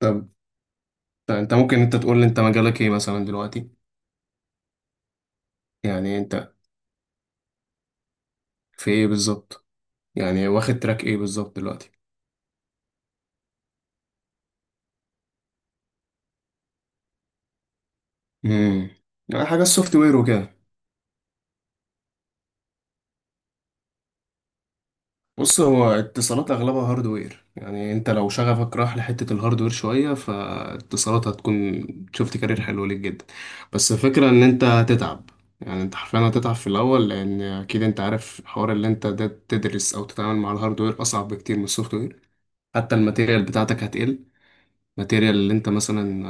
طب طب، انت ممكن تقول لي انت مجالك ايه مثلا دلوقتي؟ يعني انت في ايه بالظبط؟ يعني واخد تراك ايه بالظبط دلوقتي؟ امم يعني حاجه السوفت وير وكده؟ بص، هو اتصالات اغلبها هاردوير، يعني انت لو شغفك راح لحته الهاردوير شويه، فاتصالات هتكون شفت كارير حلو ليك جدا. بس الفكره ان انت هتتعب، يعني انت حرفيا هتتعب في الاول، لان اكيد انت عارف حوار اللي انت ده، تدرس او تتعامل مع الهاردوير اصعب بكتير من السوفت وير. حتى الماتيريال بتاعتك هتقل، الماتيريال اللي انت مثلا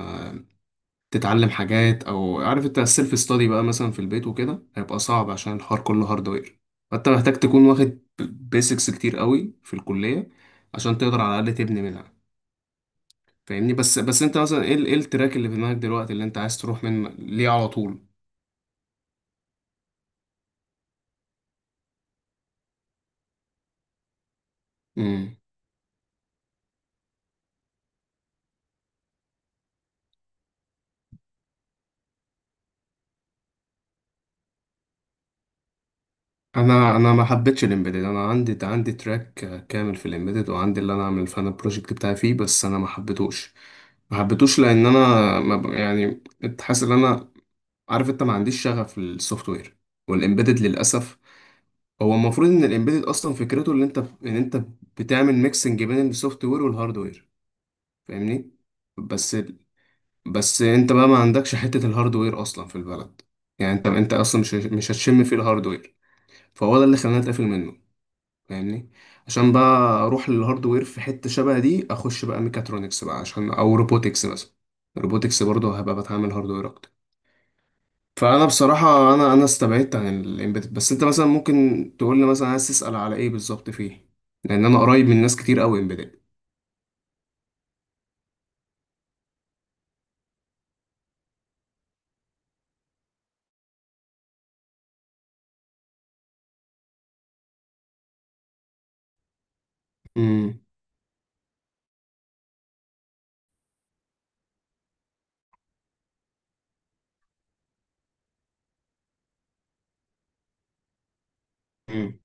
تتعلم حاجات، او عارف انت السيلف ستادي بقى مثلا في البيت وكده هيبقى صعب عشان الحوار كله هاردوير. فانت محتاج تكون واخد بيسكس كتير قوي في الكلية عشان تقدر على الاقل تبني منها. فاهمني؟ بس انت مثلا ايه التراك اللي في دماغك دلوقتي اللي انت عايز تروح من ليه على طول؟ امم انا ما حبيتش الامبيدد. انا عندي تراك كامل في الامبيدد، وعندي اللي انا اعمل فانا البروجكت بتاعي فيه، بس انا ما حبيتهوش. لان انا ما ب- يعني كنت حاسس ان انا، عارف انت، ما عنديش شغف للسوفت وير والامبيدد للاسف. هو المفروض ان الامبيدد اصلا فكرته ان انت بتعمل ميكسنج بين السوفت وير والهارد وير. فاهمني؟ بس بس انت بقى ما عندكش حته الهارد وير اصلا في البلد، يعني انت اصلا مش هتشم فيه الهارد وير. فهو ده اللي خلاني اتقفل منه، فاهمني؟ عشان بقى اروح للهارد وير في حته شبه دي، اخش بقى ميكاترونكس بقى، عشان او روبوتكس مثلا. روبوتكس برضه هبقى بتعامل هارد وير اكتر. فانا بصراحه، انا استبعدت عن الامبيدد. بس انت مثلا ممكن تقول لي مثلا عايز تسال على ايه بالظبط فيه، لان انا قريب من ناس كتير قوي امبيدد. امم. امم.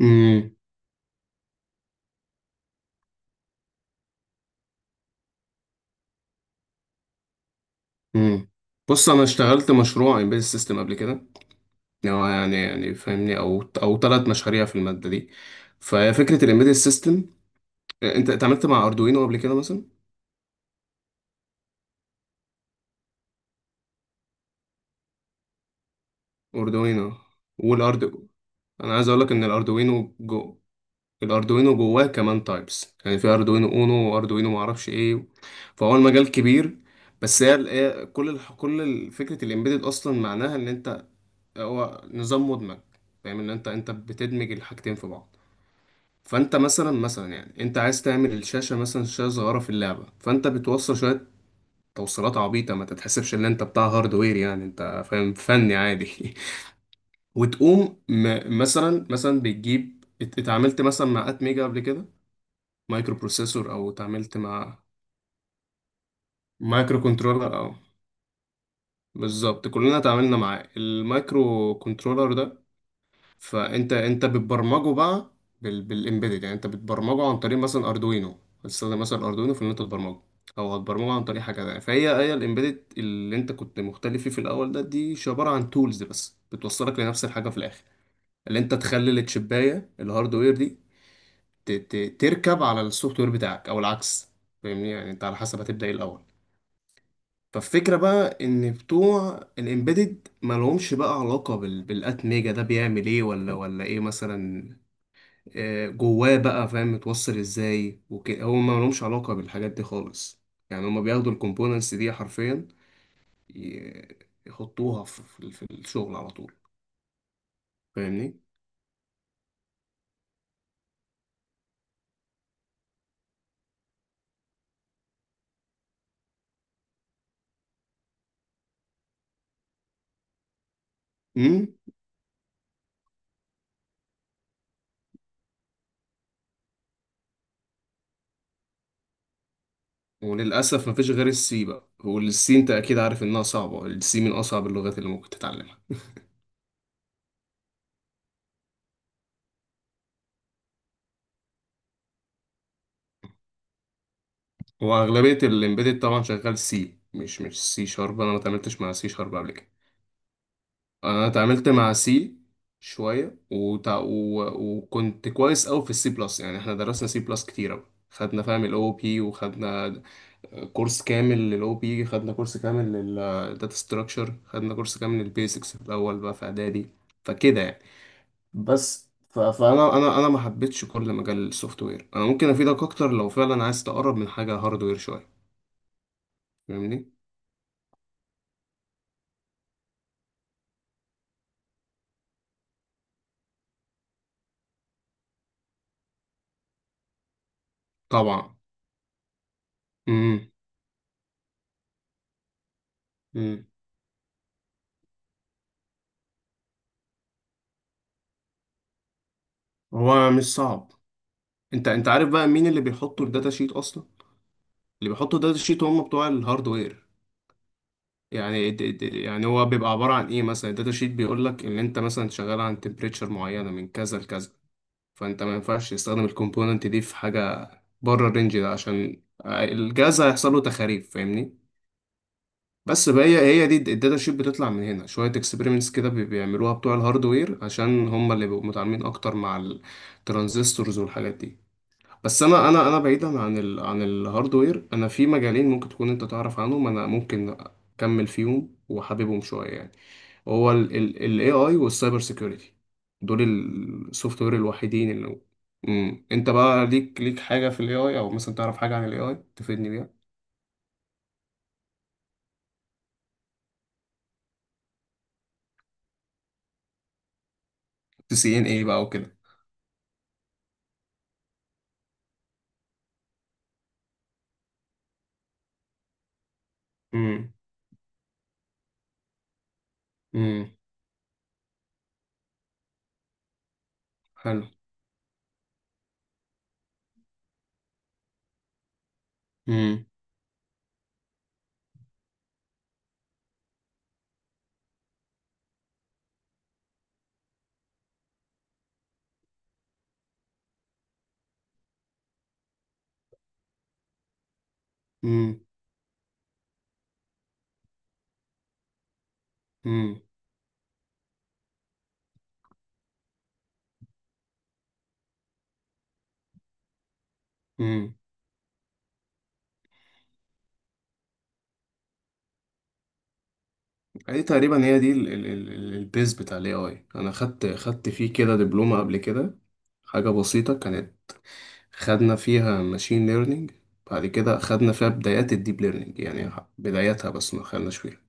امم. أمم. بص، انا اشتغلت مشروع امبيدد سيستم قبل كده، يعني هو يعني يعني فاهمني، او ثلاث مشاريع في الماده دي. فهي فكره الامبيدد سيستم. انت اتعاملت مع اردوينو قبل كده مثلا اردوينو؟ والاردو انا عايز اقول لك ان الاردوينو جواه كمان تايبس، يعني في اردوينو اونو واردوينو معرفش ايه، فهو المجال كبير. بس هي ال- هي كل الح- كل ال- فكره الامبيدد اصلا معناها ان انت، هو نظام مدمج، فاهم ان انت بتدمج الحاجتين في بعض. فانت مثلا يعني انت عايز تعمل الشاشه، مثلا شاشه صغيره في اللعبه، فانت بتوصل شويه توصيلات عبيطه، ما تتحسبش ان انت بتاع هاردوير، يعني انت فاهم، فني عادي. وتقوم مثلا بتجيب اتعاملت مثلا مع ات ميجا قبل كده؟ مايكرو بروسيسور، او اتعاملت مع مايكرو كنترولر؟ بالظبط، كلنا اتعاملنا معاه المايكرو كنترولر ده. فانت بتبرمجه بقى بالامبيدد، يعني انت بتبرمجه عن طريق مثلا اردوينو، هتستخدم مثلا اردوينو في ان انت تبرمجه، او هتبرمجه عن طريق حاجه تانية. فهي الامبيدد اللي انت كنت مختلف فيه في الاول ده، دي عباره عن تولز بس بتوصلك لنفس الحاجه في الاخر، اللي انت تخلي التشبايه الهاردوير دي ت... ت... تركب على السوفت وير بتاعك او العكس. فاهمني؟ يعني انت على حسب هتبدا ايه الاول. فالفكرة بقى إن بتوع الإمبيدد مالهمش بقى علاقة بالأت ميجا، ده بيعمل إيه، ولا إيه مثلا. جواه بقى فاهم متوصل إزاي وكده، هو مالهمش علاقة بالحاجات دي خالص. يعني هما بياخدوا الكومبوننتس دي حرفيا، ي- يحطوها في الشغل على طول. فاهمني؟ امم وللأسف مفيش غير السي بقى، والسي أنت أكيد عارف إنها صعبة، السي من أصعب اللغات اللي ممكن تتعلمها. واغلبيه الامبيدد طبعا شغال سي، مش سي شارب. انا ما اتعاملتش مع سي شارب قبل كده. انا اتعاملت مع سي شويه وكنت كويس قوي في السي بلس، يعني احنا درسنا سي بلس كتير قوي، خدنا فاهم الاو بي وخدنا كورس كامل للاو بي، خدنا كورس كامل للداتا ستراكشر، خدنا كورس كامل للبيزكس في الاول بقى في اعدادي، فكده يعني. بس ف- فانا انا انا ما حبيتش كل مجال السوفت وير، انا ممكن افيدك اكتر لو فعلا عايز تقرب من حاجه هاردوير شويه. فاهمني؟ طبعا. امم. امم. هو مش صعب. انت عارف بقى مين اللي بيحطوا الداتا شيت اصلا؟ اللي بيحطوا الداتا شيت هم بتوع الهاردوير، يعني يعني هو بيبقى عباره عن ايه، مثلا الداتا شيت بيقول لك ان انت مثلا شغال عن تمبريتشر معينه من كذا لكذا، فانت ما ينفعش تستخدم الكومبوننت دي في حاجه بره الرينج ده عشان الجهاز هيحصل له تخاريف، فاهمني؟ بس بقى هي هي دي الداتا شيت، بتطلع من هنا شويه اكسبيرمنتس كده بيعملوها بتوع الهاردوير، عشان هم اللي بيبقوا متعاملين اكتر مع الترانزستورز والحاجات دي. بس انا بعيدا عن عن الهاردوير، انا في مجالين ممكن تكون انت تعرف عنهم، انا ممكن اكمل فيهم وحاببهم شويه يعني. هو ال AI والسايبر سيكيورتي، دول السوفت وير الوحيدين اللي انت بقى ليك حاجه في ال AI، او مثلا تعرف حاجه عن ال AI تفيدني بيها؟ تسي ان ايه بقى وكده. امم. امم. حلو. امم. امم. امم. امم. دي تقريبا هي دي البيز بتاع الاي اي، انا خدت فيه كده دبلومه قبل كده، حاجه بسيطه كانت. خدنا فيها ماشين ليرنينج، بعد كده خدنا فيها بدايات الديب ليرنينج، يعني بداياتها بس، ما خدناش فيها.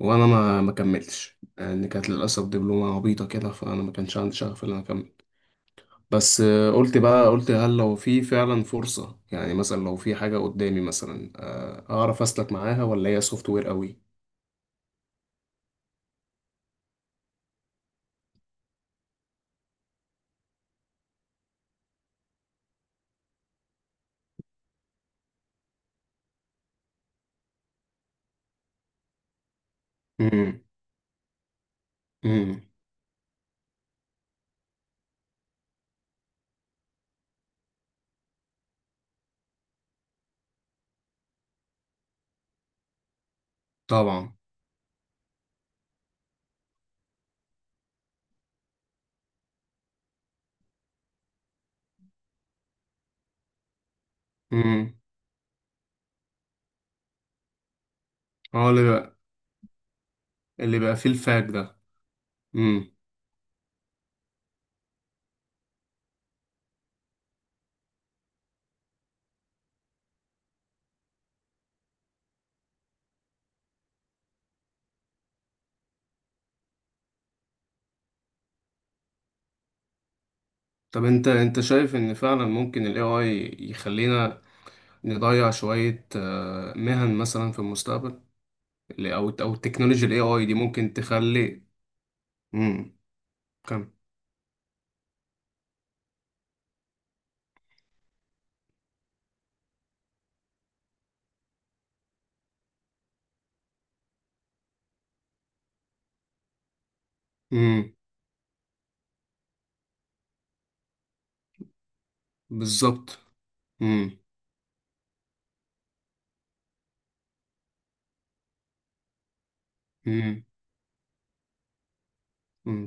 وانا ما كملتش لان كانت للاسف دبلومه عبيطه كده، فانا ما كانش عندي شغف ان انا اكمل. بس قلت هل لو في فعلا فرصه، يعني مثلا لو في حاجه قدامي مثلا، اعرف اسلك معاها ولا هي سوفت وير قوي؟ امم. امم. طبعا. امم. اه، اللي بقى فيه الفاك ده. امم. طب انت شايف ان فعلا ممكن ال AI يخلينا نضيع شوية مهن مثلا في المستقبل، او التكنولوجيا ال AI دي ممكن تخلي. امم. كم. امم. بالظبط. امم. امم.